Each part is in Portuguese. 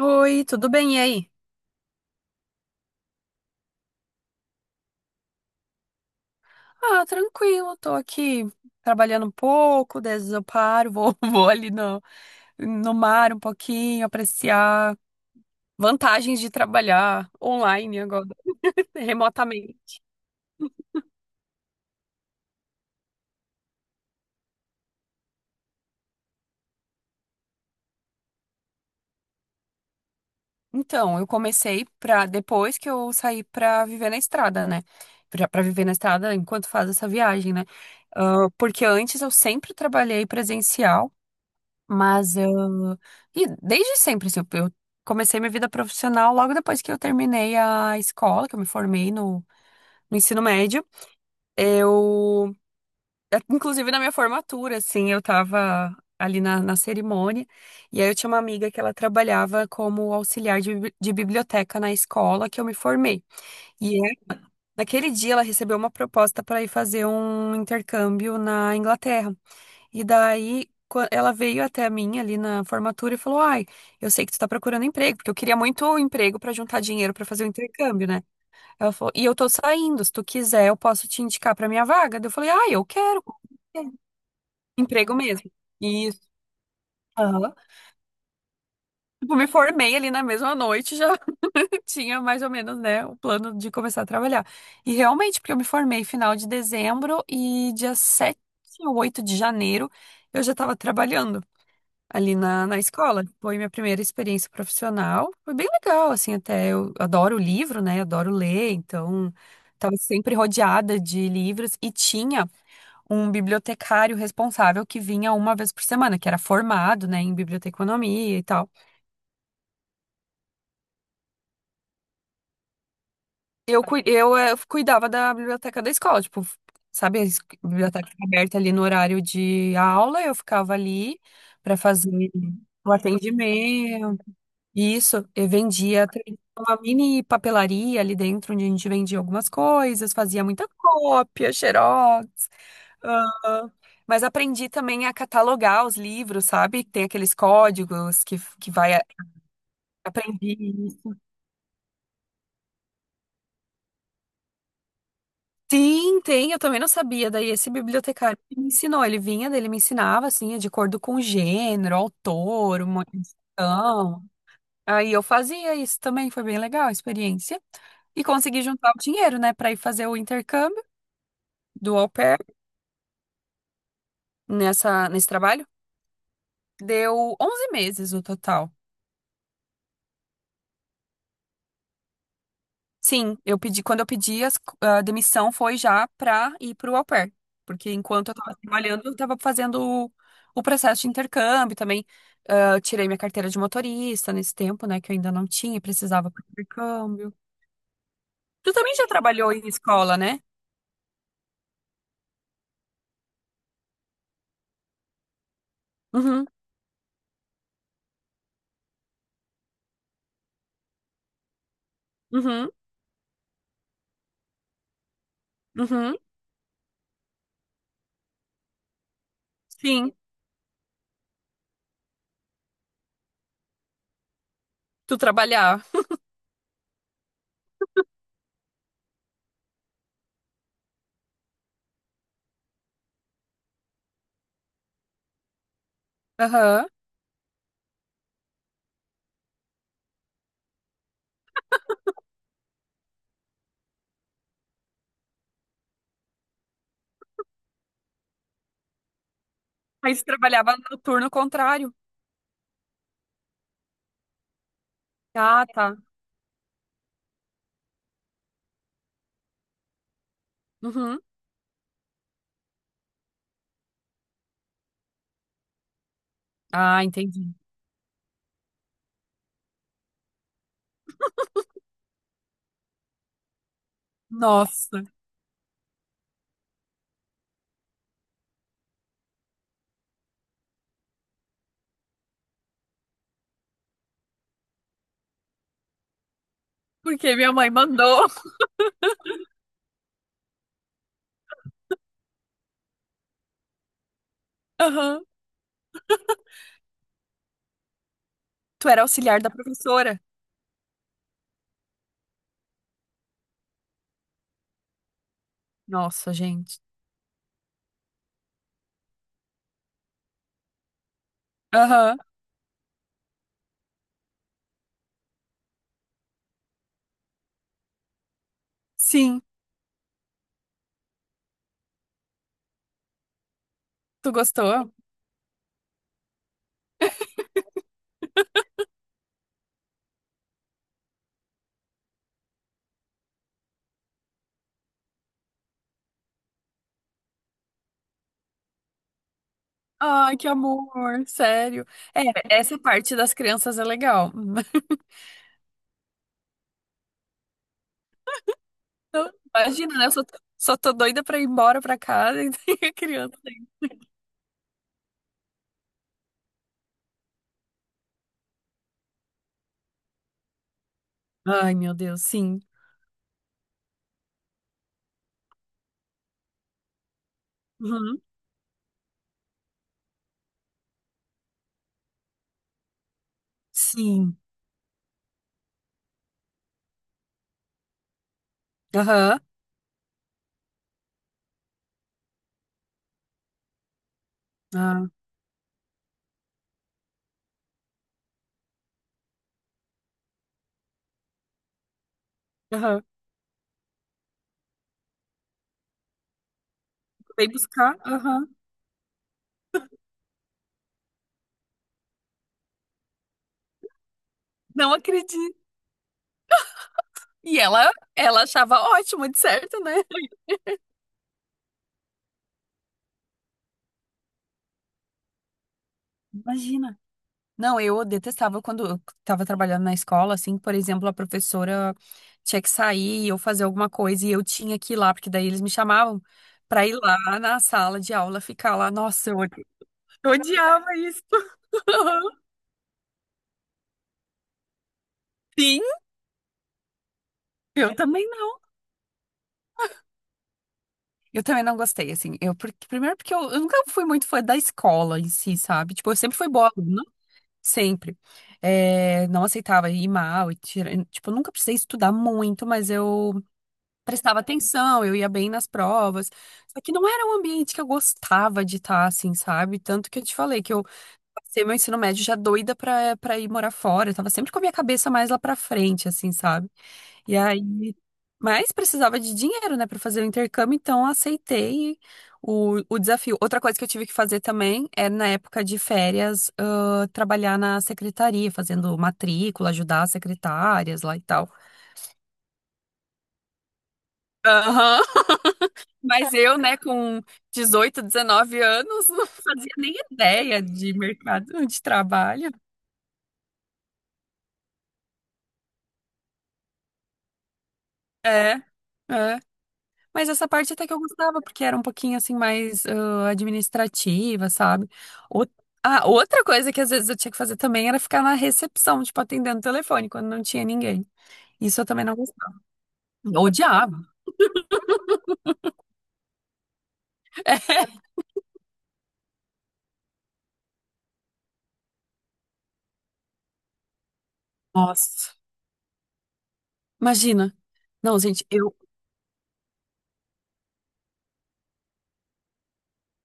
Oi, tudo bem? E aí? Ah, tranquilo, tô aqui trabalhando um pouco, daí às vezes eu paro, vou, vou ali no mar um pouquinho, apreciar vantagens de trabalhar online agora, remotamente. Então, eu comecei pra, depois que eu saí pra viver na estrada, né? Pra viver na estrada enquanto faz essa viagem, né? Ah, porque antes eu sempre trabalhei presencial. Mas eu. E desde sempre, assim, eu comecei minha vida profissional logo depois que eu terminei a escola, que eu me formei no ensino médio. Eu. Inclusive na minha formatura, assim, eu tava ali na cerimônia. E aí eu tinha uma amiga que ela trabalhava como auxiliar de biblioteca na escola que eu me formei. E naquele dia ela recebeu uma proposta para ir fazer um intercâmbio na Inglaterra. E daí ela veio até mim ali na formatura e falou: "Ai, eu sei que tu tá procurando emprego, porque eu queria muito um emprego pra juntar dinheiro pra fazer o intercâmbio, né?" Ela falou: "E eu tô saindo, se tu quiser, eu posso te indicar pra minha vaga." Daí eu falei: "Ai, eu quero. É, emprego mesmo." Isso. Aham. Tipo, me formei ali na mesma noite, já tinha mais ou menos, né, o plano de começar a trabalhar. E realmente, porque eu me formei final de dezembro e dia 7 ou 8 de janeiro eu já estava trabalhando ali na escola. Foi minha primeira experiência profissional. Foi bem legal, assim, até eu adoro livro, né? Adoro ler, então estava sempre rodeada de livros e tinha um bibliotecário responsável que vinha uma vez por semana, que era formado, né, em biblioteconomia e tal. Eu cuidava da biblioteca da escola, tipo, sabe, a biblioteca fica aberta ali no horário de aula, eu ficava ali para fazer o atendimento, e isso, eu vendia também uma mini papelaria ali dentro, onde a gente vendia algumas coisas, fazia muita cópia, xerox. ah, Mas aprendi também a catalogar os livros, sabe? Tem aqueles códigos que vai. Aprendi isso. Sim, tem, eu também não sabia. Daí esse bibliotecário que me ensinou. Ele vinha, daí ele me ensinava, assim, de acordo com o gênero, autor, uma edição. Aí eu fazia isso também, foi bem legal a experiência. E consegui juntar o dinheiro, né, pra ir fazer o intercâmbio do au pair nesse trabalho. Deu 11 meses o total. Sim, eu pedi, quando eu pedi a demissão foi já pra ir pro au pair. Porque enquanto eu tava trabalhando, eu tava fazendo o, o processo de intercâmbio também. Ah, eu tirei minha carteira de motorista nesse tempo, né, que eu ainda não tinha e precisava pro intercâmbio. Tu também já trabalhou em escola, né? Uhum, uhum, uhum. Sim. Tu trabalhar. Aham. Mas trabalhava no turno contrário. Ah, tá. Uhum. Ah, entendi. Nossa, porque minha mãe mandou. Aham. Tu era auxiliar da professora. Nossa, gente. Aham. Sim. Tu gostou? Ai, que amor, sério. É, essa parte das crianças é legal. Não, imagina, né? Eu só, só tô doida pra ir embora pra casa e tem a criança. Aí. Ai, meu Deus, sim. Uhum. Sim. Aham. Ah, aham. Vem buscar. Aham. Não acredito. E ela achava ótimo, de certo, né? Imagina. Não, eu detestava quando eu estava trabalhando na escola, assim, por exemplo, a professora tinha que sair ou fazer alguma coisa e eu tinha que ir lá, porque daí eles me chamavam pra ir lá na sala de aula ficar lá. Nossa, eu odiava isso. Sim, eu também não. Eu também não gostei, assim. Primeiro porque eu nunca fui muito fã da escola em si, sabe? Tipo, eu sempre fui boa aluna. Sempre. É, não aceitava ir mal e tipo, eu nunca precisei estudar muito, mas eu prestava atenção, eu ia bem nas provas. Só que não era um ambiente que eu gostava de estar, assim, sabe? Tanto que eu te falei que eu passei meu ensino médio já doida pra ir morar fora. Eu tava sempre com a minha cabeça mais lá pra frente, assim, sabe? E aí, mas precisava de dinheiro, né, para fazer o intercâmbio, então eu aceitei o desafio. Outra coisa que eu tive que fazer também é, na época de férias, trabalhar na secretaria, fazendo matrícula, ajudar as secretárias lá e tal. Aham. Mas eu, né, com 18, 19 anos, não fazia nem ideia de mercado de trabalho. É, é. Mas essa parte até que eu gostava, porque era um pouquinho assim mais administrativa, sabe? Ou- Outra coisa que às vezes eu tinha que fazer também era ficar na recepção, tipo, atendendo o telefone quando não tinha ninguém. Isso eu também não gostava. Odiava. Nossa, imagina. Não, gente, eu.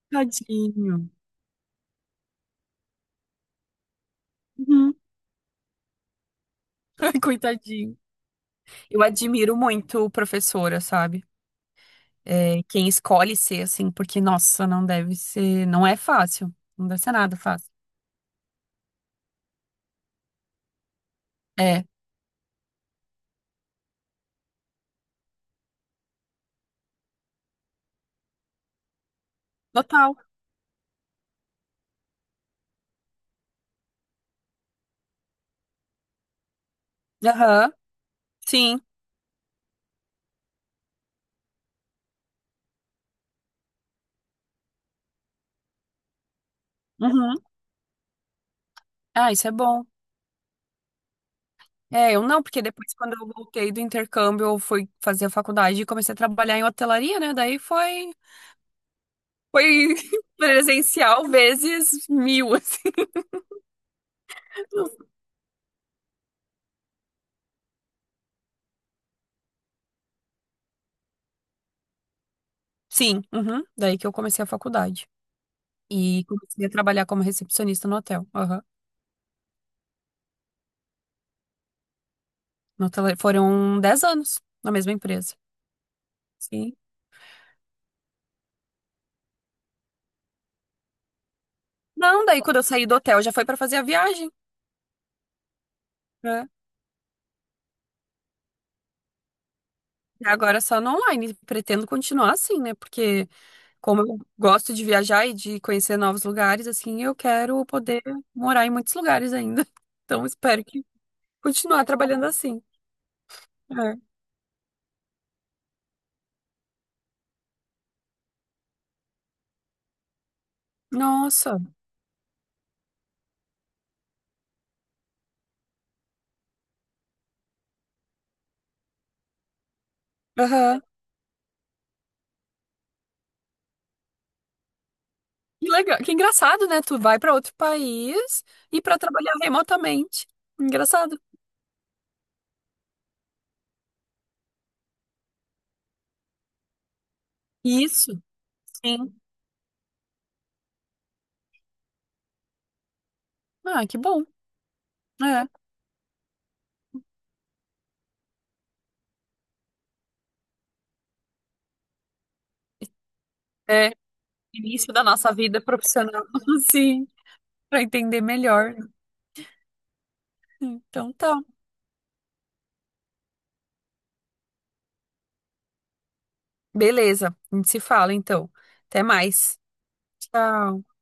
Tadinho. Uhum. Coitadinho. Eu admiro muito professora, sabe? É, quem escolhe ser assim, porque, nossa, não deve ser. Não é fácil. Não deve ser nada fácil. É, total. Aham, sim. Uhum. Ah, isso é bom. É, eu não, porque depois quando eu voltei do intercâmbio, eu fui fazer a faculdade e comecei a trabalhar em hotelaria, né? Daí foi presencial vezes 1.000, assim. Sim, uhum. Daí que eu comecei a faculdade. E comecei a trabalhar como recepcionista no hotel. Aham. No hotel, foram 10 anos na mesma empresa. Sim. Não, daí quando eu saí do hotel já foi para fazer a viagem, né? E agora é só no online. Pretendo continuar assim, né? Porque como eu gosto de viajar e de conhecer novos lugares, assim, eu quero poder morar em muitos lugares ainda. Então, espero que continuar trabalhando assim. É. Nossa. Aham. Que legal. Que engraçado, né? Tu vai para outro país e para trabalhar remotamente. Engraçado. Isso, sim. Ah, que bom. É. É início da nossa vida profissional, sim, para entender melhor. Então tá. Beleza. A gente se fala então. Até mais. Tchau.